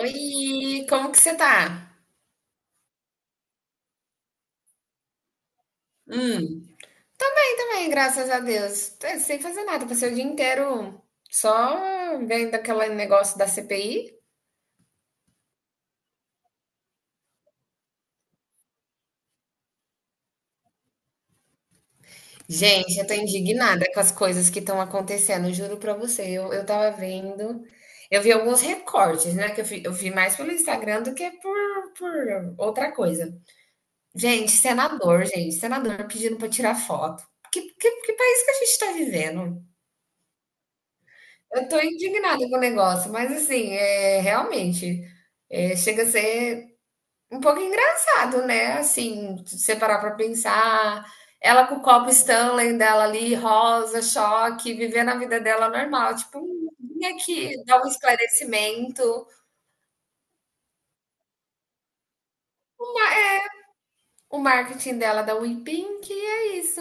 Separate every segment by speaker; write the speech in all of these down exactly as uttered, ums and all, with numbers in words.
Speaker 1: Oi, como que você tá? Hum. Bem também, graças a Deus. Tô sem fazer nada, passei o dia inteiro só vendo aquele negócio da C P I. Gente, eu tô indignada com as coisas que estão acontecendo, juro pra você. Eu, eu tava vendo, eu vi alguns recortes, né? Que eu vi, eu vi mais pelo Instagram do que por, por outra coisa. Gente, senador, gente, senador pedindo pra tirar foto. Que, que, que país que a gente tá vivendo? Eu tô indignada com o negócio, mas assim, é realmente é, chega a ser um pouco engraçado, né? Assim, se você parar pra pensar, ela com o copo Stanley dela ali, rosa, choque, vivendo a vida dela normal. Tipo, "Hum, vim aqui dar um esclarecimento." O marketing dela da WePink, e é isso.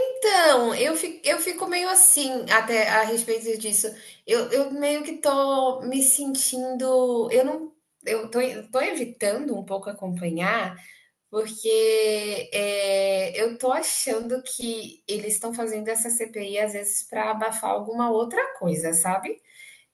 Speaker 1: Então, eu fico, eu fico meio assim até a respeito disso. Eu, eu meio que tô me sentindo. Eu não. Eu tô, eu tô evitando um pouco acompanhar, porque é, eu tô achando que eles estão fazendo essa C P I às vezes para abafar alguma outra coisa, sabe?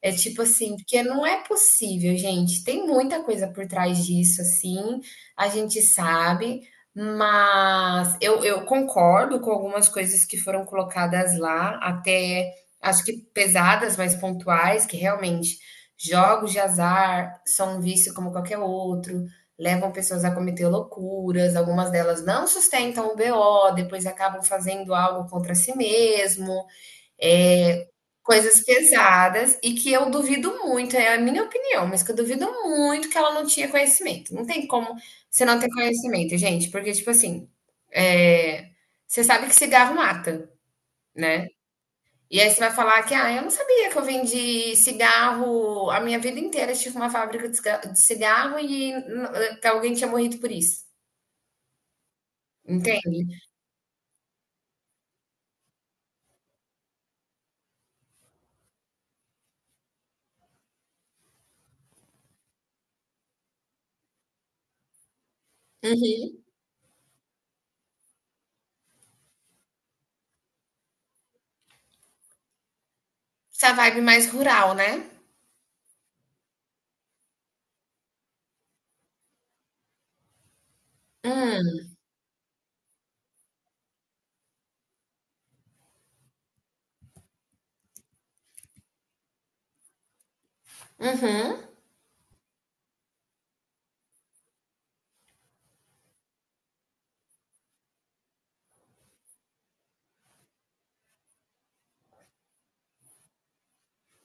Speaker 1: É tipo assim, porque não é possível, gente. Tem muita coisa por trás disso, assim, a gente sabe, mas eu, eu concordo com algumas coisas que foram colocadas lá, até acho que pesadas, mas pontuais, que realmente jogos de azar são um vício como qualquer outro, levam pessoas a cometer loucuras, algumas delas não sustentam o B O, depois acabam fazendo algo contra si mesmo. É, coisas pesadas e que eu duvido muito, é a minha opinião, mas que eu duvido muito que ela não tinha conhecimento. Não tem como você não ter conhecimento, gente, porque, tipo assim, eh, você sabe que cigarro mata, né? E aí você vai falar que, ah, eu não sabia que eu vendi cigarro a minha vida inteira, tive uma fábrica de ciga- de cigarro e n- que alguém tinha morrido por isso. Entende? Uhum. Essa vibe mais rural, né? Hum, uhum,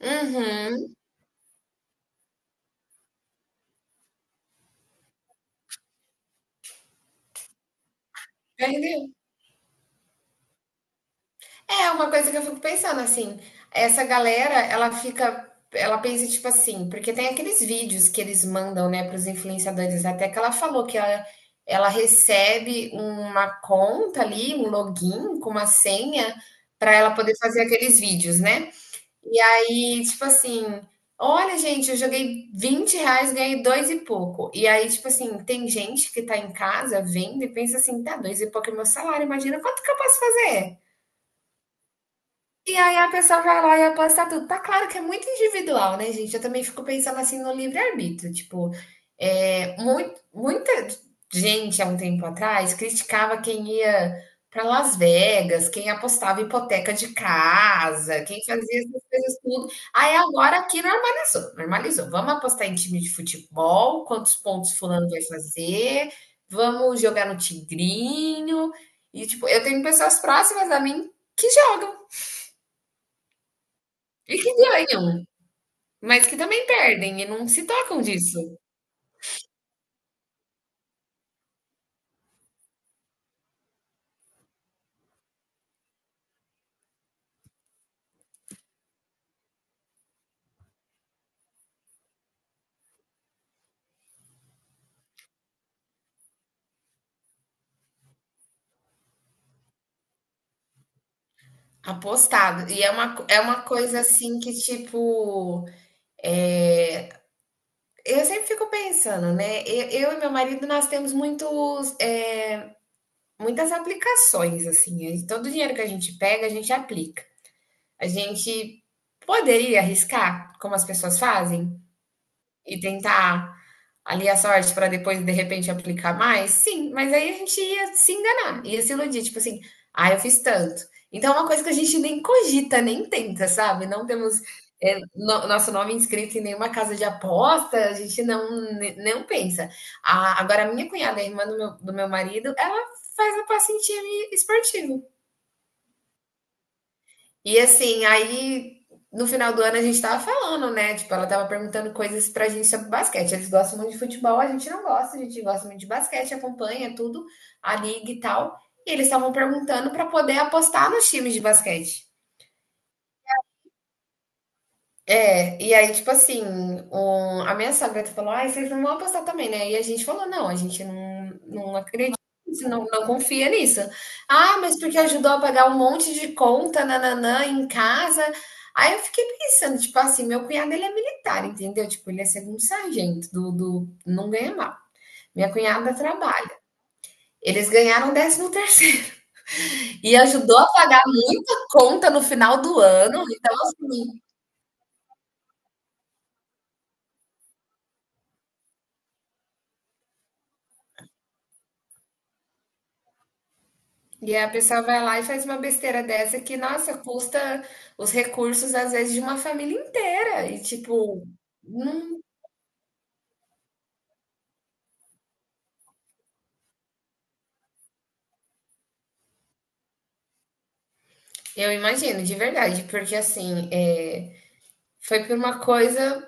Speaker 1: uhum. Perdeu. É uma coisa que eu fico pensando assim, essa galera, ela fica, ela pensa tipo assim, porque tem aqueles vídeos que eles mandam, né, para os influenciadores, até que ela falou que ela, ela recebe uma conta ali, um login com uma senha para ela poder fazer aqueles vídeos, né? E aí, tipo assim, olha, gente, eu joguei vinte reais, ganhei dois e pouco. E aí, tipo assim, tem gente que tá em casa vendo e pensa assim, tá, dois e pouco é meu salário, imagina quanto que eu posso fazer? E aí a pessoa vai lá e aposta tudo. Tá claro que é muito individual, né, gente? Eu também fico pensando assim no livre-arbítrio. Tipo, é, muito, muita gente há um tempo atrás criticava quem ia para Las Vegas, quem apostava hipoteca de casa, quem fazia essas coisas tudo. Aí agora aqui normalizou, normalizou. Vamos apostar em time de futebol, quantos pontos fulano vai fazer, vamos jogar no tigrinho. E, tipo, eu tenho pessoas próximas a mim que jogam. E que ganham, mas que também perdem e não se tocam disso. Apostado. E é uma, co- é uma coisa assim que, tipo, é, eu sempre fico pensando, né? E- Eu, e meu marido, nós temos muitos, é, muitas aplicações, assim. E todo o dinheiro que a gente pega, a gente aplica. A gente poderia arriscar, como as pessoas fazem, e tentar ali a sorte para depois, de repente, aplicar mais? Sim, mas aí a gente ia se enganar, ia se iludir, tipo assim, ah, eu fiz tanto. Então é uma coisa que a gente nem cogita, nem tenta, sabe? Não temos é, no- nosso nome inscrito em nenhuma casa de aposta, a gente não, ne- não pensa. A- agora, a minha cunhada, a irmã do meu, do meu marido, ela faz a pacentinha esportiva. E assim, aí no final do ano a gente tava falando, né? Tipo, ela tava perguntando coisas pra gente sobre basquete. Eles gostam muito de futebol, a gente não gosta, a gente gosta muito de basquete, acompanha tudo, a liga e tal. E eles estavam perguntando pra poder apostar nos times de basquete. É, e aí, tipo assim, o- a minha sogra falou, ai, vocês não vão apostar também, né? E a gente falou, não, a gente não, não acredita nisso, não, não confia nisso. Ah, mas porque ajudou a pagar um monte de conta, nananã, em casa. Aí eu fiquei pensando, tipo assim, meu cunhado, ele é militar, entendeu? Tipo, ele é segundo sargento, do, do, não ganha mal. Minha cunhada trabalha. Eles ganharam 13 terceiro e ajudou a pagar muita conta no final do ano. Então, assim, e aí a pessoa vai lá e faz uma besteira dessa que, nossa, custa os recursos, às vezes, de uma família inteira. E, tipo, não... eu imagino, de verdade, porque, assim, é, foi por uma coisa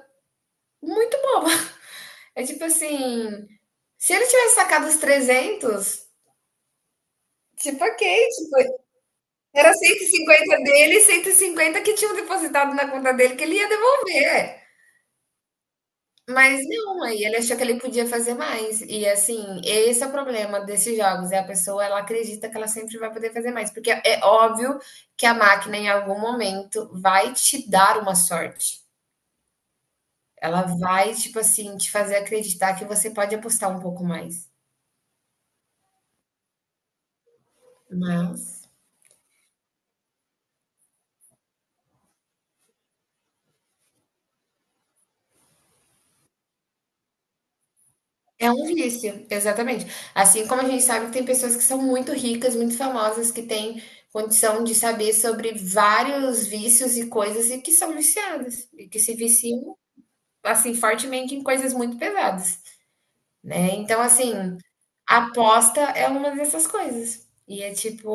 Speaker 1: muito boba. É tipo assim, se ele tivesse sacado os trezentos, tipo, ok, tipo, era cento e cinquenta dele e cento e cinquenta que tinham depositado na conta dele que ele ia devolver. Mas não, aí ele achou que ele podia fazer mais. E assim, esse é o problema desses jogos, é a pessoa, ela acredita que ela sempre vai poder fazer mais, porque é óbvio que a máquina em algum momento vai te dar uma sorte. Ela vai, tipo assim, te fazer acreditar que você pode apostar um pouco mais. Mas é um vício, exatamente. Assim como a gente sabe que tem pessoas que são muito ricas, muito famosas, que têm condição de saber sobre vários vícios e coisas e que são viciadas, e que se viciam assim, fortemente em coisas muito pesadas, né? Então, assim, aposta é uma dessas coisas. E é tipo,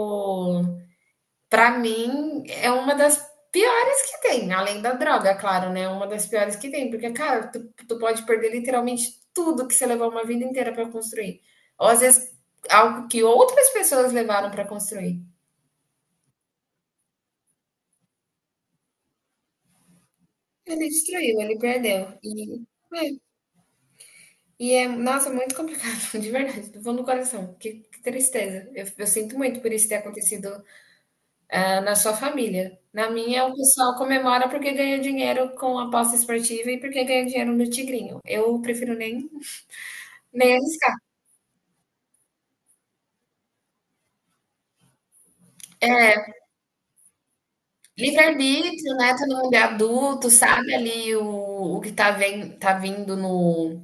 Speaker 1: pra mim, é uma das piores que tem, além da droga, claro, né? Uma das piores que tem, porque, cara, tu, tu pode perder literalmente tudo que você levou uma vida inteira pra construir. Ou às vezes algo que outras pessoas levaram pra construir. Ele destruiu, ele perdeu. E é, E é, nossa, muito complicado, de verdade, do fundo do coração. Que, que tristeza. Eu, eu sinto muito por isso ter acontecido, ah, na sua família. Na minha, o pessoal comemora porque ganha dinheiro com aposta esportiva e porque ganha dinheiro no Tigrinho. Eu prefiro nem, nem arriscar. Livre-arbítrio, né? Todo mundo é adulto, sabe ali o, o que tá, ven- tá vindo no,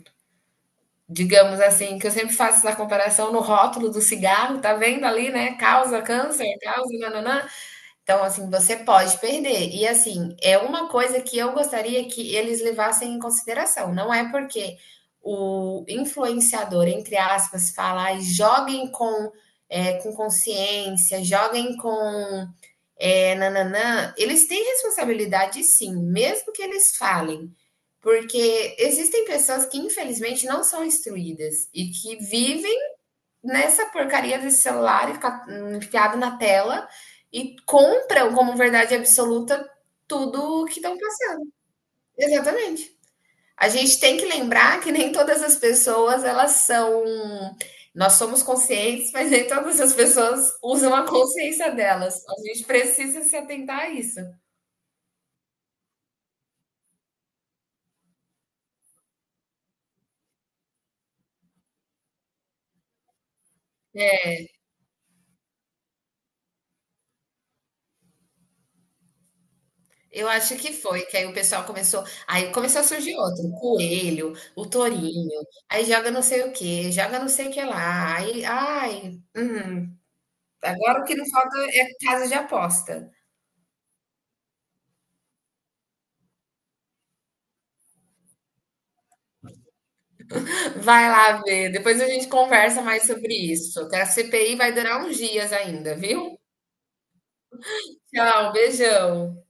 Speaker 1: digamos assim, que eu sempre faço essa comparação no rótulo do cigarro, tá vendo ali, né? Causa câncer, causa nananã. Então, assim, você pode perder. E, assim, é uma coisa que eu gostaria que eles levassem em consideração. Não é porque o influenciador, entre aspas, fala, e joguem com, é, com consciência, joguem com é, nananã. Eles têm responsabilidade, sim, mesmo que eles falem. Porque existem pessoas que, infelizmente, não são instruídas e que vivem nessa porcaria desse celular enfiado na tela e compram como verdade absoluta tudo que estão passando. Exatamente. A gente tem que lembrar que nem todas as pessoas elas são. Nós somos conscientes, mas nem todas as pessoas usam a consciência delas. A gente precisa se atentar a isso. Eu acho que foi, que aí o pessoal começou. Aí começou a surgir outro: o coelho, o tourinho, aí joga não sei o que joga não sei o que lá. Aí, ai, hum, agora o que não falta é casa de aposta. Vai lá ver, depois a gente conversa mais sobre isso. Que a C P I vai durar uns dias ainda, viu? Tchau, beijão.